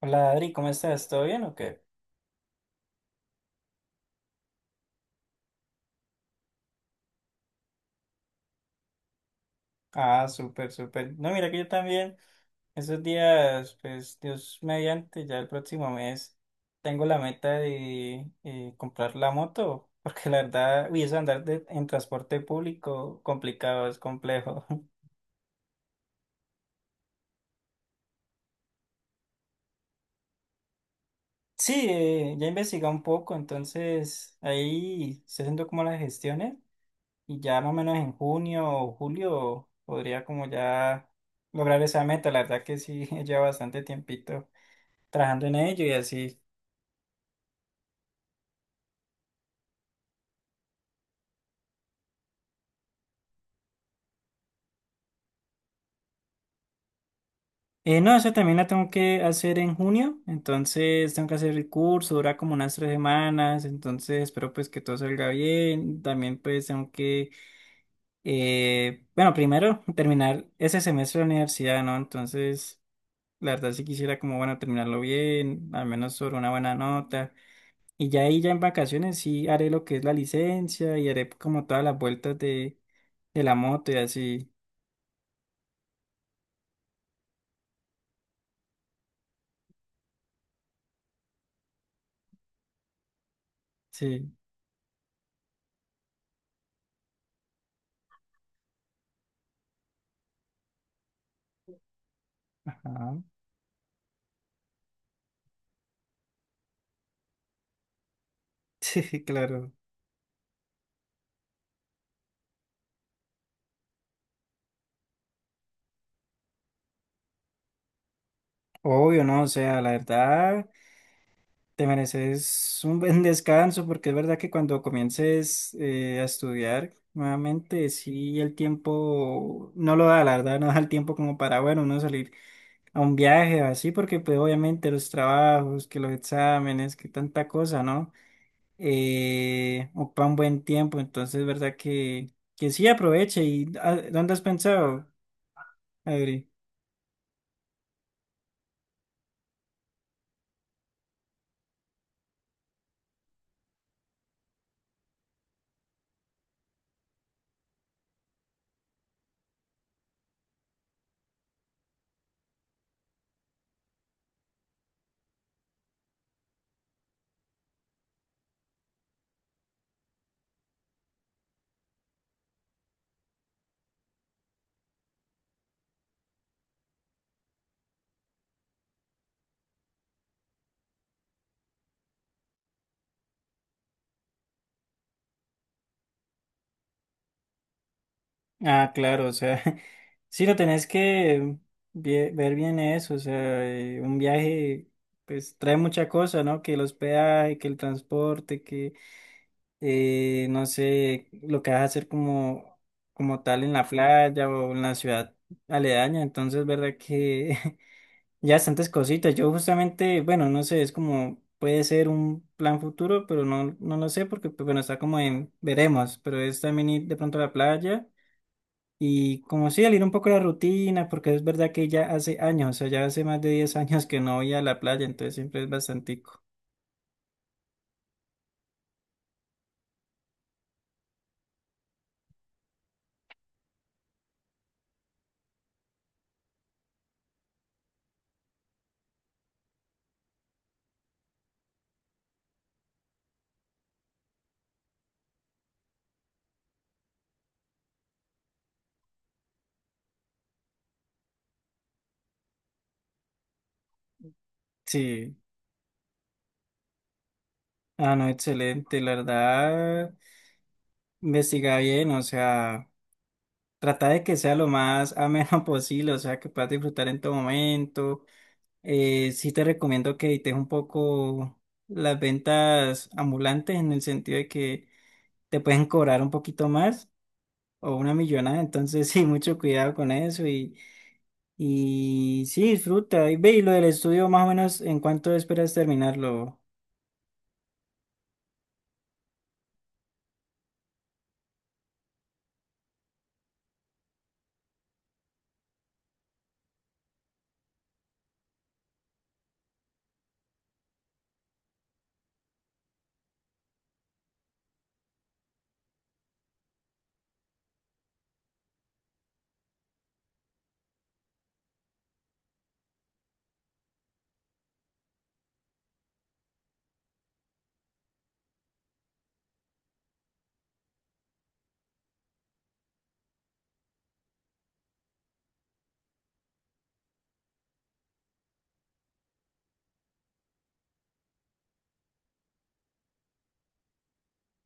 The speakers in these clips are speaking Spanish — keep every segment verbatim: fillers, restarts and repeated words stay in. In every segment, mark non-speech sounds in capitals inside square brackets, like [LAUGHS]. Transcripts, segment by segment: Hola Adri, ¿cómo estás? ¿Todo bien o qué? Ah, súper, súper. No, mira que yo también, esos días, pues Dios mediante, ya el próximo mes tengo la meta de eh, comprar la moto, [LAUGHS] porque la verdad, uy, eso de andar de- en transporte público complicado, es complejo. [LAUGHS] Sí, eh, ya investigué un poco, entonces ahí estoy haciendo como las gestiones y ya más o menos en junio o julio podría como ya lograr esa meta, la verdad que sí, [LAUGHS] lleva bastante tiempito, trabajando en ello y así. Eh, no, eso también la tengo que hacer en junio, entonces tengo que hacer el curso, dura como unas tres semanas, entonces espero pues que todo salga bien. También pues tengo que, eh, bueno, primero terminar ese semestre de la universidad, ¿no? Entonces, la verdad sí quisiera como, bueno, terminarlo bien, al menos sobre una buena nota. Y ya ahí, ya en vacaciones sí haré lo que es la licencia y haré como todas las vueltas de, de la moto y así. Sí, ajá. [LAUGHS] Sí, claro. Obvio, ¿no? O sea, la verdad, te mereces un buen [LAUGHS] descanso porque es verdad que cuando comiences eh, a estudiar nuevamente, sí, el tiempo no lo da, la verdad, no da el tiempo como para, bueno, uno salir a un viaje o así, porque pues obviamente los trabajos, que los exámenes, que tanta cosa, ¿no? Eh, ocupa un buen tiempo, entonces es verdad que, que sí aproveche. ¿Y ah, dónde has pensado, Adri? Ah, claro, o sea, [LAUGHS] sí lo tenés que vie- ver bien eso, o sea, eh, un viaje pues trae mucha cosa, ¿no? Que el hospedaje, que el transporte, que eh, no sé, lo que vas a hacer como, como tal en la playa o en la ciudad aledaña, entonces, verdad que [LAUGHS] ya bastantes cositas. Yo justamente, bueno, no sé, es como puede ser un plan futuro, pero no, no lo sé porque, pues, bueno, está como en veremos, pero es también ir de pronto a la playa y como sí, salir un poco de la rutina, porque es verdad que ya hace años, o sea, ya hace más de diez años que no voy a la playa, entonces siempre es bastantico. Sí, ah, no, excelente, la verdad, investiga bien, o sea, trata de que sea lo más ameno [LAUGHS] posible, o sea, que puedas disfrutar en todo momento. Eh, sí te recomiendo que evites un poco las ventas ambulantes en el sentido de que te pueden cobrar un poquito más o una millonada, entonces [LAUGHS] sí, mucho cuidado con eso y... Y sí, disfruta. Y ve, y lo del estudio, más o menos, ¿en cuánto esperas terminarlo?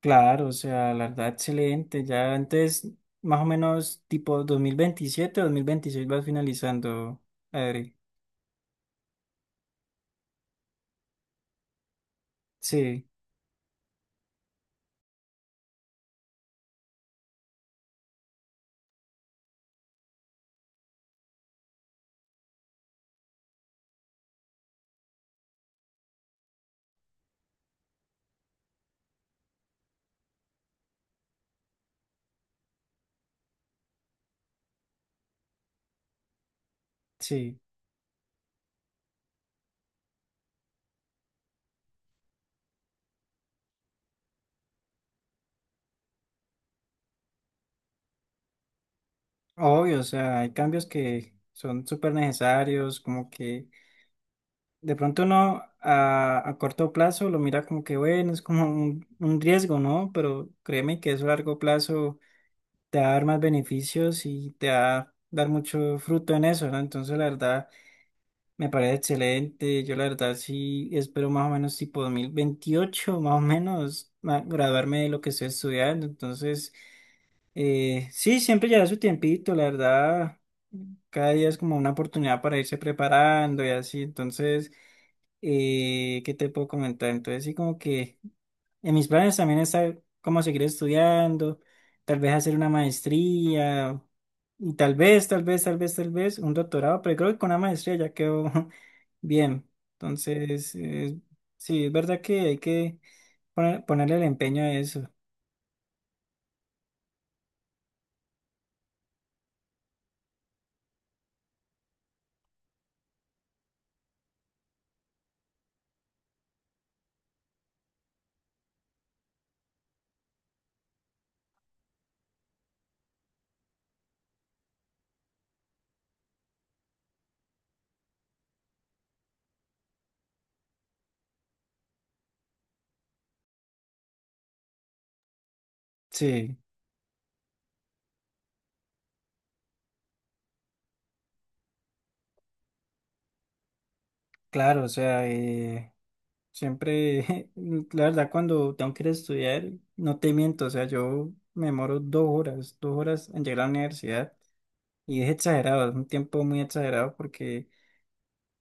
Claro, o sea, la verdad, excelente. Ya antes, más o menos, tipo dos mil veintisiete dos mil veintiséis vas finalizando, Adri. Sí, sí. Obvio, o sea, hay cambios que son súper necesarios, como que de pronto uno a, a corto plazo lo mira como que, bueno, es como un, un riesgo, ¿no? Pero créeme que eso a largo plazo te va a dar más beneficios y te va a dar mucho fruto en eso, ¿no? Entonces, la verdad, me parece excelente. Yo, la verdad, sí espero más o menos tipo dos mil veintiocho, más o menos, ma- graduarme de lo que estoy estudiando. Entonces, eh, sí, siempre lleva su tiempito, la verdad. Cada día es como una oportunidad para irse preparando y así. Entonces, eh, ¿qué te puedo comentar? Entonces, sí, como que... En mis planes también está cómo seguir estudiando, tal vez hacer una maestría, y tal vez, tal vez, tal vez, tal vez un doctorado, pero creo que con una maestría ya quedó [LAUGHS] bien. Entonces, eh, sí, es verdad que hay que poner- ponerle el empeño a eso. Sí, claro, o sea, eh, siempre, [LAUGHS] la verdad, cuando tengo que ir a estudiar, no te miento, o sea, yo me demoro dos horas, dos horas en llegar a la universidad. Y es exagerado, es un tiempo muy exagerado porque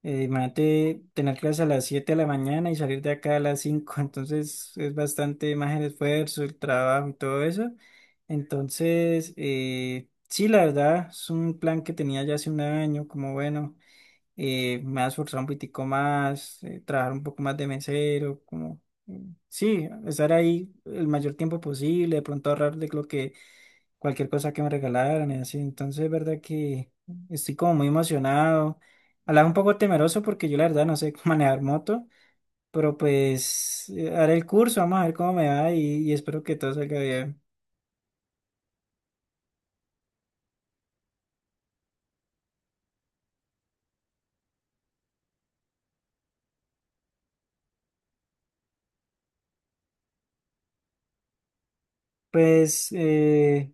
Eh, imagínate tener clase a las siete de la mañana y salir de acá a las cinco. [LAUGHS] Entonces es bastante más el esfuerzo, el trabajo y todo eso. Entonces, eh, sí, la verdad, es un plan que tenía ya hace un año, como bueno, eh, me ha esforzado un poquitico más, eh, trabajar un poco más de mesero, como, mm, sí, estar ahí el mayor tiempo posible, de pronto ahorrar de lo que cualquier cosa que me regalaran y así. Entonces, es verdad que estoy como muy emocionado. A la vez un poco temeroso porque yo la verdad no sé [LAUGHS] manejar moto, pero pues eh, haré el curso, vamos a ver cómo me va y, y espero que todo salga bien. Pues eh,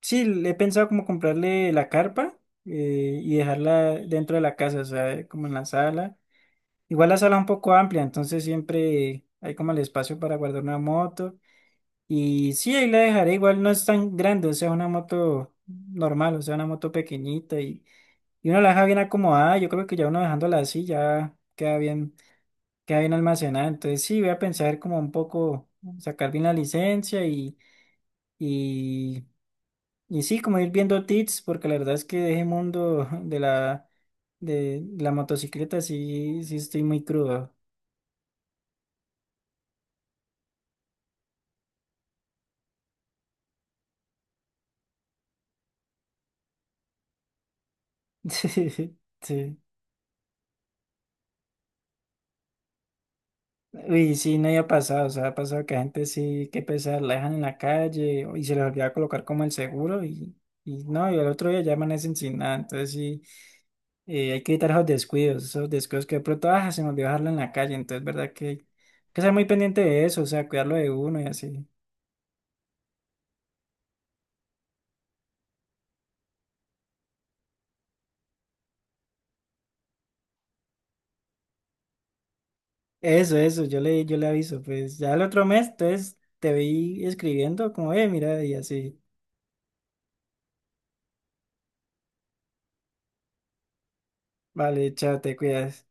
sí, le he pensado como comprarle la carpa eh, y dejarla dentro de la casa, o sea, como en la sala. Igual la sala es un poco amplia, entonces siempre hay como el espacio para guardar una moto. Y sí, ahí la dejaré, igual no es tan grande, o sea, una moto normal, o sea, una moto pequeñita y, y uno la deja bien acomodada, yo creo que ya uno dejándola así ya queda bien, queda bien almacenada, entonces sí, voy a pensar como un poco, sacar bien la licencia y, y, y sí, como ir viendo tips, porque la verdad es que de ese mundo [LAUGHS] de la, de la motocicleta sí, sí estoy muy crudo. [LAUGHS] Sí. Y sí, no había pasado, o sea, ha pasado que la gente sí, qué pesar, la dejan en la calle o- y se les olvida colocar como el seguro y, y no, y al otro día ya amanecen sin nada, entonces sí, eh, hay que evitar esos descuidos, esos descuidos que de pronto, ah, se me olvidó dejarlo en la calle, entonces verdad que hay que ser muy pendiente de eso, o sea, cuidarlo de uno y así. Eso, eso, yo le, yo le aviso, pues ya el otro mes, entonces te vi escribiendo como, eh, mira, y así, vale, chao, te cuidas.